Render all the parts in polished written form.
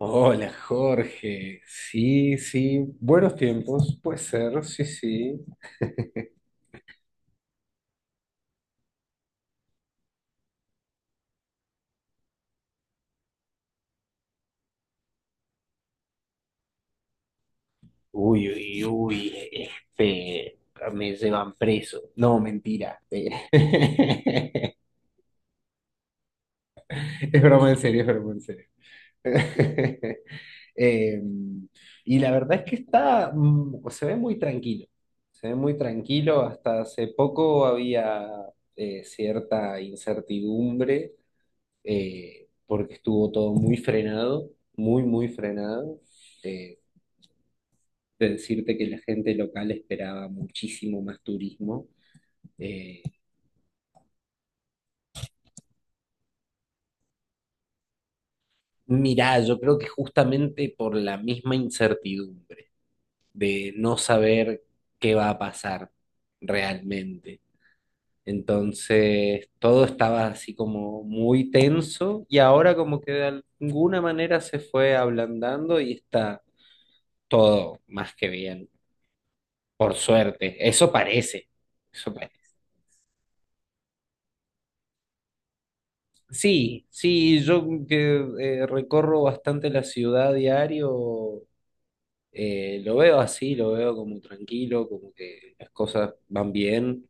Hola Jorge, sí, sí, buenos tiempos, puede ser, sí, sí. Uy, uy, uy, este, me llevan preso. No, mentira. Es broma en serio, es broma en serio. Eh, y la verdad es que está, se ve muy tranquilo, se ve muy tranquilo. Hasta hace poco había cierta incertidumbre porque estuvo todo muy frenado, muy, muy frenado. Eh, de decirte que la gente local esperaba muchísimo más turismo. Eh, Mirá, yo creo que justamente por la misma incertidumbre de no saber qué va a pasar realmente. Entonces, todo estaba así como muy tenso y ahora como que de alguna manera se fue ablandando y está todo más que bien. Por suerte, eso parece. Eso parece. Sí, sí, yo que recorro bastante la ciudad diario, lo veo así, lo veo como tranquilo, como que las cosas van bien.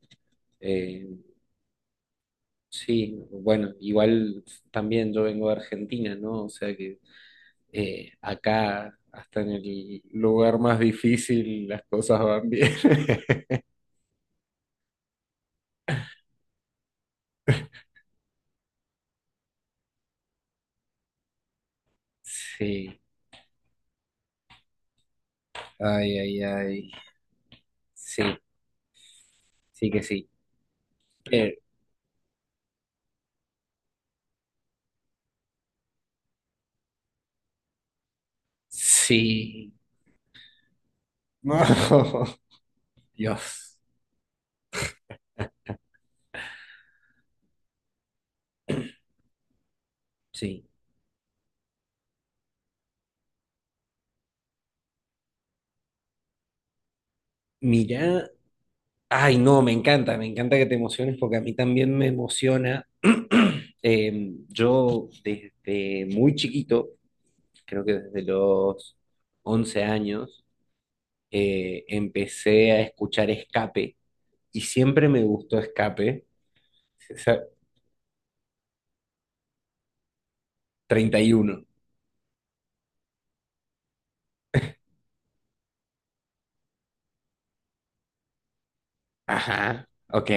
Eh, sí, bueno, igual también yo vengo de Argentina, ¿no? O sea que acá, hasta en el lugar más difícil, las cosas van bien. Sí, ay, ay, ay. Sí, sí que sí. Eh, sí. No. Dios, sí. Mira, ay, no, me encanta que te emociones porque a mí también me emociona. Yo desde muy chiquito, creo que desde los 11 años, empecé a escuchar Escape y siempre me gustó Escape. Esa- 31. Ajá, ok.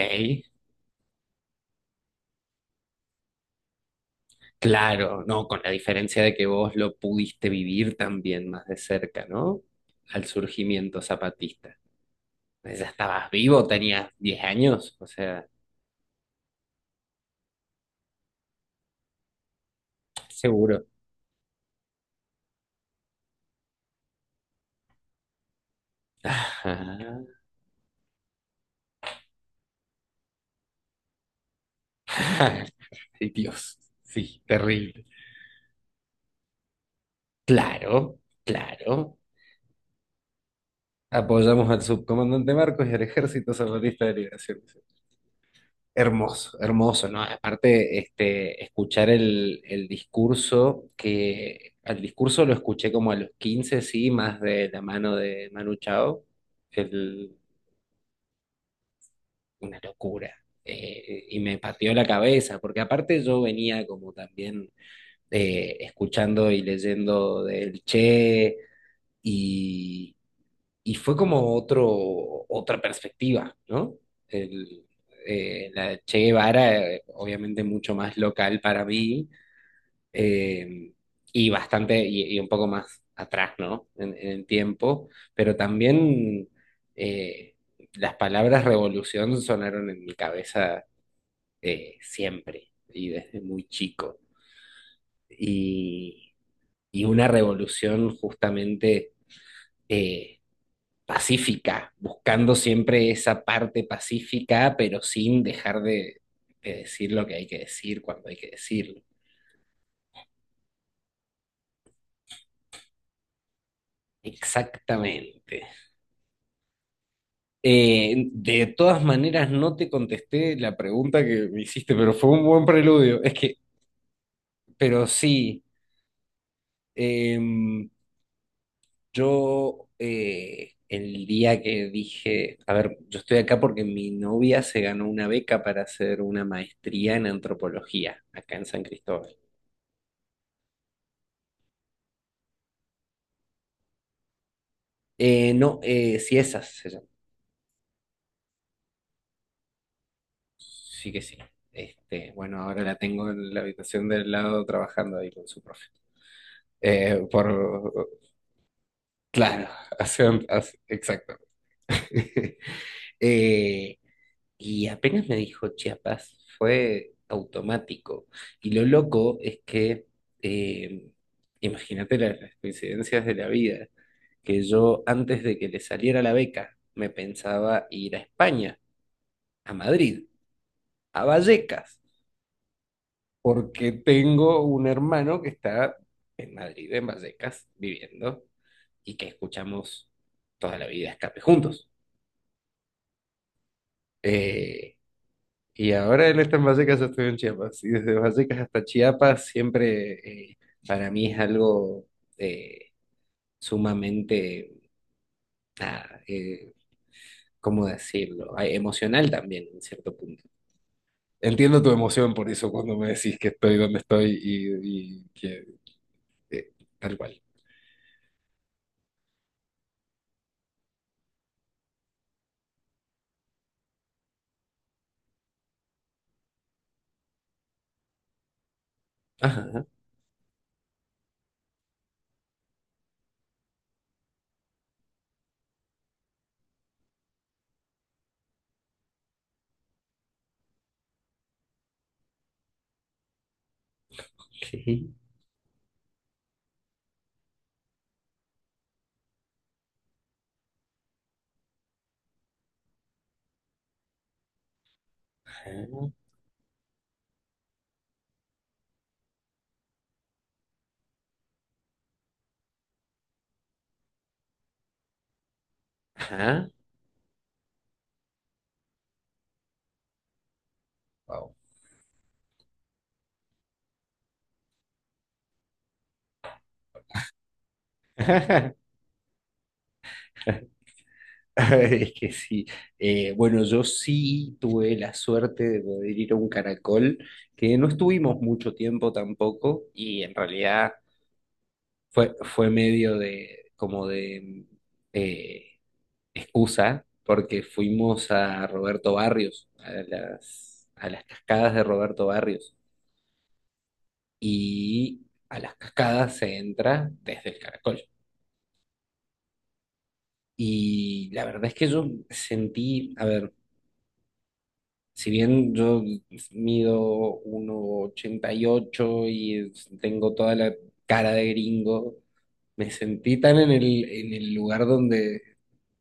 Claro, no, con la diferencia de que vos lo pudiste vivir también más de cerca, ¿no? Al surgimiento zapatista. Pues, ya estabas vivo, tenías 10 años, o sea, seguro. Ajá. Ay, Dios, sí, terrible. Claro, claro. Apoyamos al subcomandante Marcos y al Ejército Zapatista de Liberación. Hermoso, hermoso, ¿no? Aparte, escuchar el discurso, que al discurso lo escuché como a los 15 sí, más de la mano de Manu Chao, el- una locura. Y me partió la cabeza, porque aparte yo venía como también escuchando y leyendo del Che y fue como otro, otra perspectiva, ¿no? El, la de Che Guevara, obviamente mucho más local para mí, eh, y bastante, y un poco más atrás, ¿no? En el tiempo, pero también eh, las palabras revolución sonaron en mi cabeza siempre y desde muy chico. Y, y una revolución justamente... eh, pacífica, buscando siempre esa parte pacífica, pero sin dejar de decir lo que hay que decir cuando hay que decirlo. Exactamente. De todas maneras, no te contesté la pregunta que me hiciste, pero fue un buen preludio. Es que, pero sí, em, yo el día que dije, a ver, yo estoy acá porque mi novia se ganó una beca para hacer una maestría en antropología acá en San Cristóbal. No, Ciesas se llama. Sí que sí. Este, bueno, ahora la tengo en la habitación del lado trabajando ahí con su profe. Eh, por, claro, exacto. Eh, y apenas me dijo Chiapas, fue automático. Y lo loco es que, eh, imagínate las coincidencias de la vida, que yo antes de que le saliera la beca, me pensaba ir a España, a Madrid, a Vallecas. Porque tengo un hermano que está en Madrid, en Vallecas, viviendo y que escuchamos toda la vida Escape juntos. Eh, y ahora él está en Vallecas, yo estoy en Chiapas. Y desde Vallecas hasta Chiapas siempre para mí es algo eh, sumamente, nada, ¿cómo decirlo? Ah, emocional también, en cierto punto. Entiendo tu emoción por eso cuando me decís que estoy donde estoy y que eh, tal cual. Ajá. Ajá. Ajá. Wow. Es que sí. Bueno, yo sí tuve la suerte de poder ir a un caracol, que no estuvimos mucho tiempo tampoco, y en realidad fue medio de, como de eh, excusa, porque fuimos a Roberto Barrios, a las cascadas de Roberto Barrios, y a las cascadas se entra desde el caracol. Y la verdad es que yo sentí, a ver, si bien yo mido 1,88 y ocho y tengo toda la cara de gringo, me sentí tan en el lugar donde,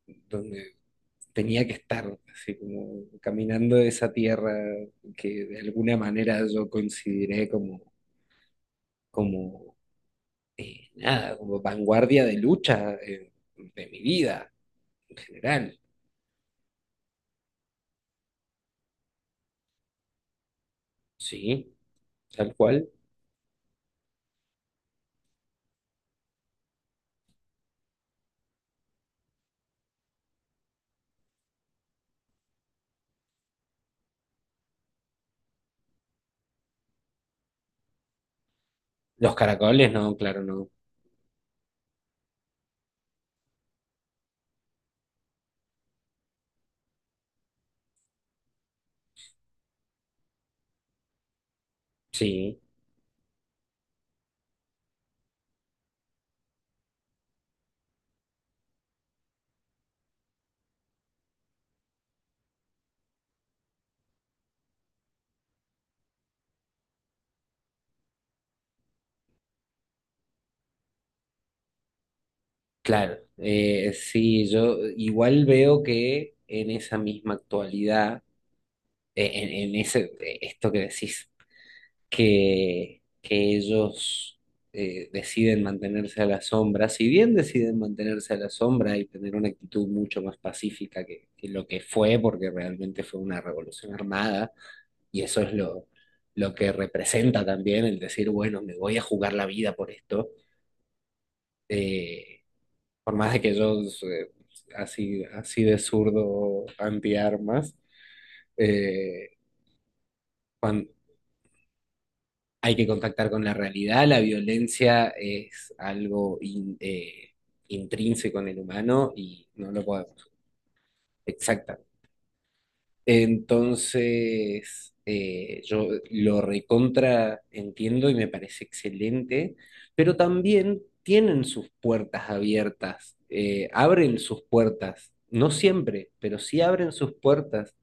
donde tenía que estar, así como caminando esa tierra que de alguna manera yo consideré como, como nada, como vanguardia de lucha de mi vida en general, ¿sí? Tal cual. Los caracoles, no, claro, no. Sí, claro. Sí, yo igual veo que en esa misma actualidad, en ese, esto que decís, que ellos deciden mantenerse a la sombra, si bien deciden mantenerse a la sombra y tener una actitud mucho más pacífica que lo que fue, porque realmente fue una revolución armada, y eso es lo que representa también el decir, bueno, me voy a jugar la vida por esto. eh, Por más de que yo así, así de zurdo antiarmas, eh, cuan- hay que contactar con la realidad. La violencia es algo intrínseco en el humano y no lo podemos. Exacta. Entonces, yo lo recontra entiendo y me parece excelente, pero también tienen sus puertas abiertas, abren sus puertas. No siempre, pero sí abren sus puertas.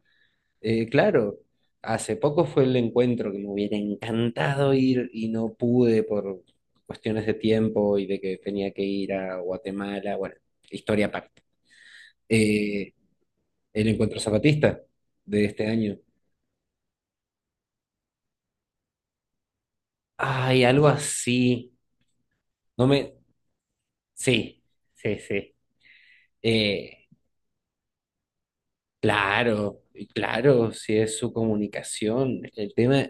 Claro, hace poco fue el encuentro que me hubiera encantado ir y no pude por cuestiones de tiempo y de que tenía que ir a Guatemala, bueno, historia aparte. Eh, el encuentro zapatista de este año. Ay, algo así. No me... Sí, sí, sí. Eh, claro, y claro, si es su comunicación. El tema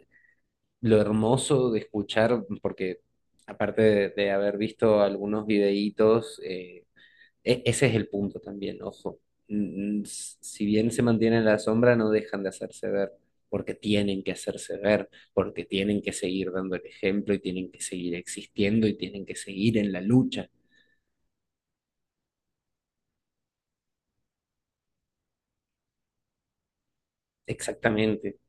lo hermoso de escuchar, porque aparte de haber visto algunos videítos, ese es el punto también, ojo. Si bien se mantienen en la sombra, no dejan de hacerse ver, porque tienen que hacerse ver, porque tienen que seguir dando el ejemplo y tienen que seguir existiendo y tienen que seguir en la lucha. Exactamente,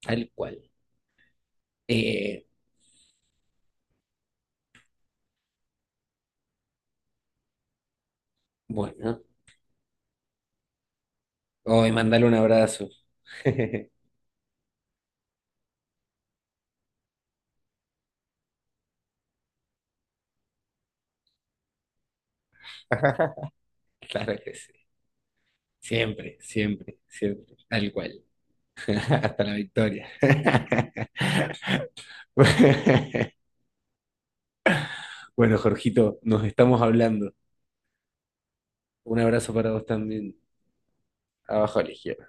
tal cual. Eh, bueno, hoy mandale un abrazo. Claro que sí. Siempre, siempre, siempre, tal cual. Hasta la victoria. Bueno, Jorgito, nos estamos hablando. Un abrazo para vos también. Abajo a la izquierda.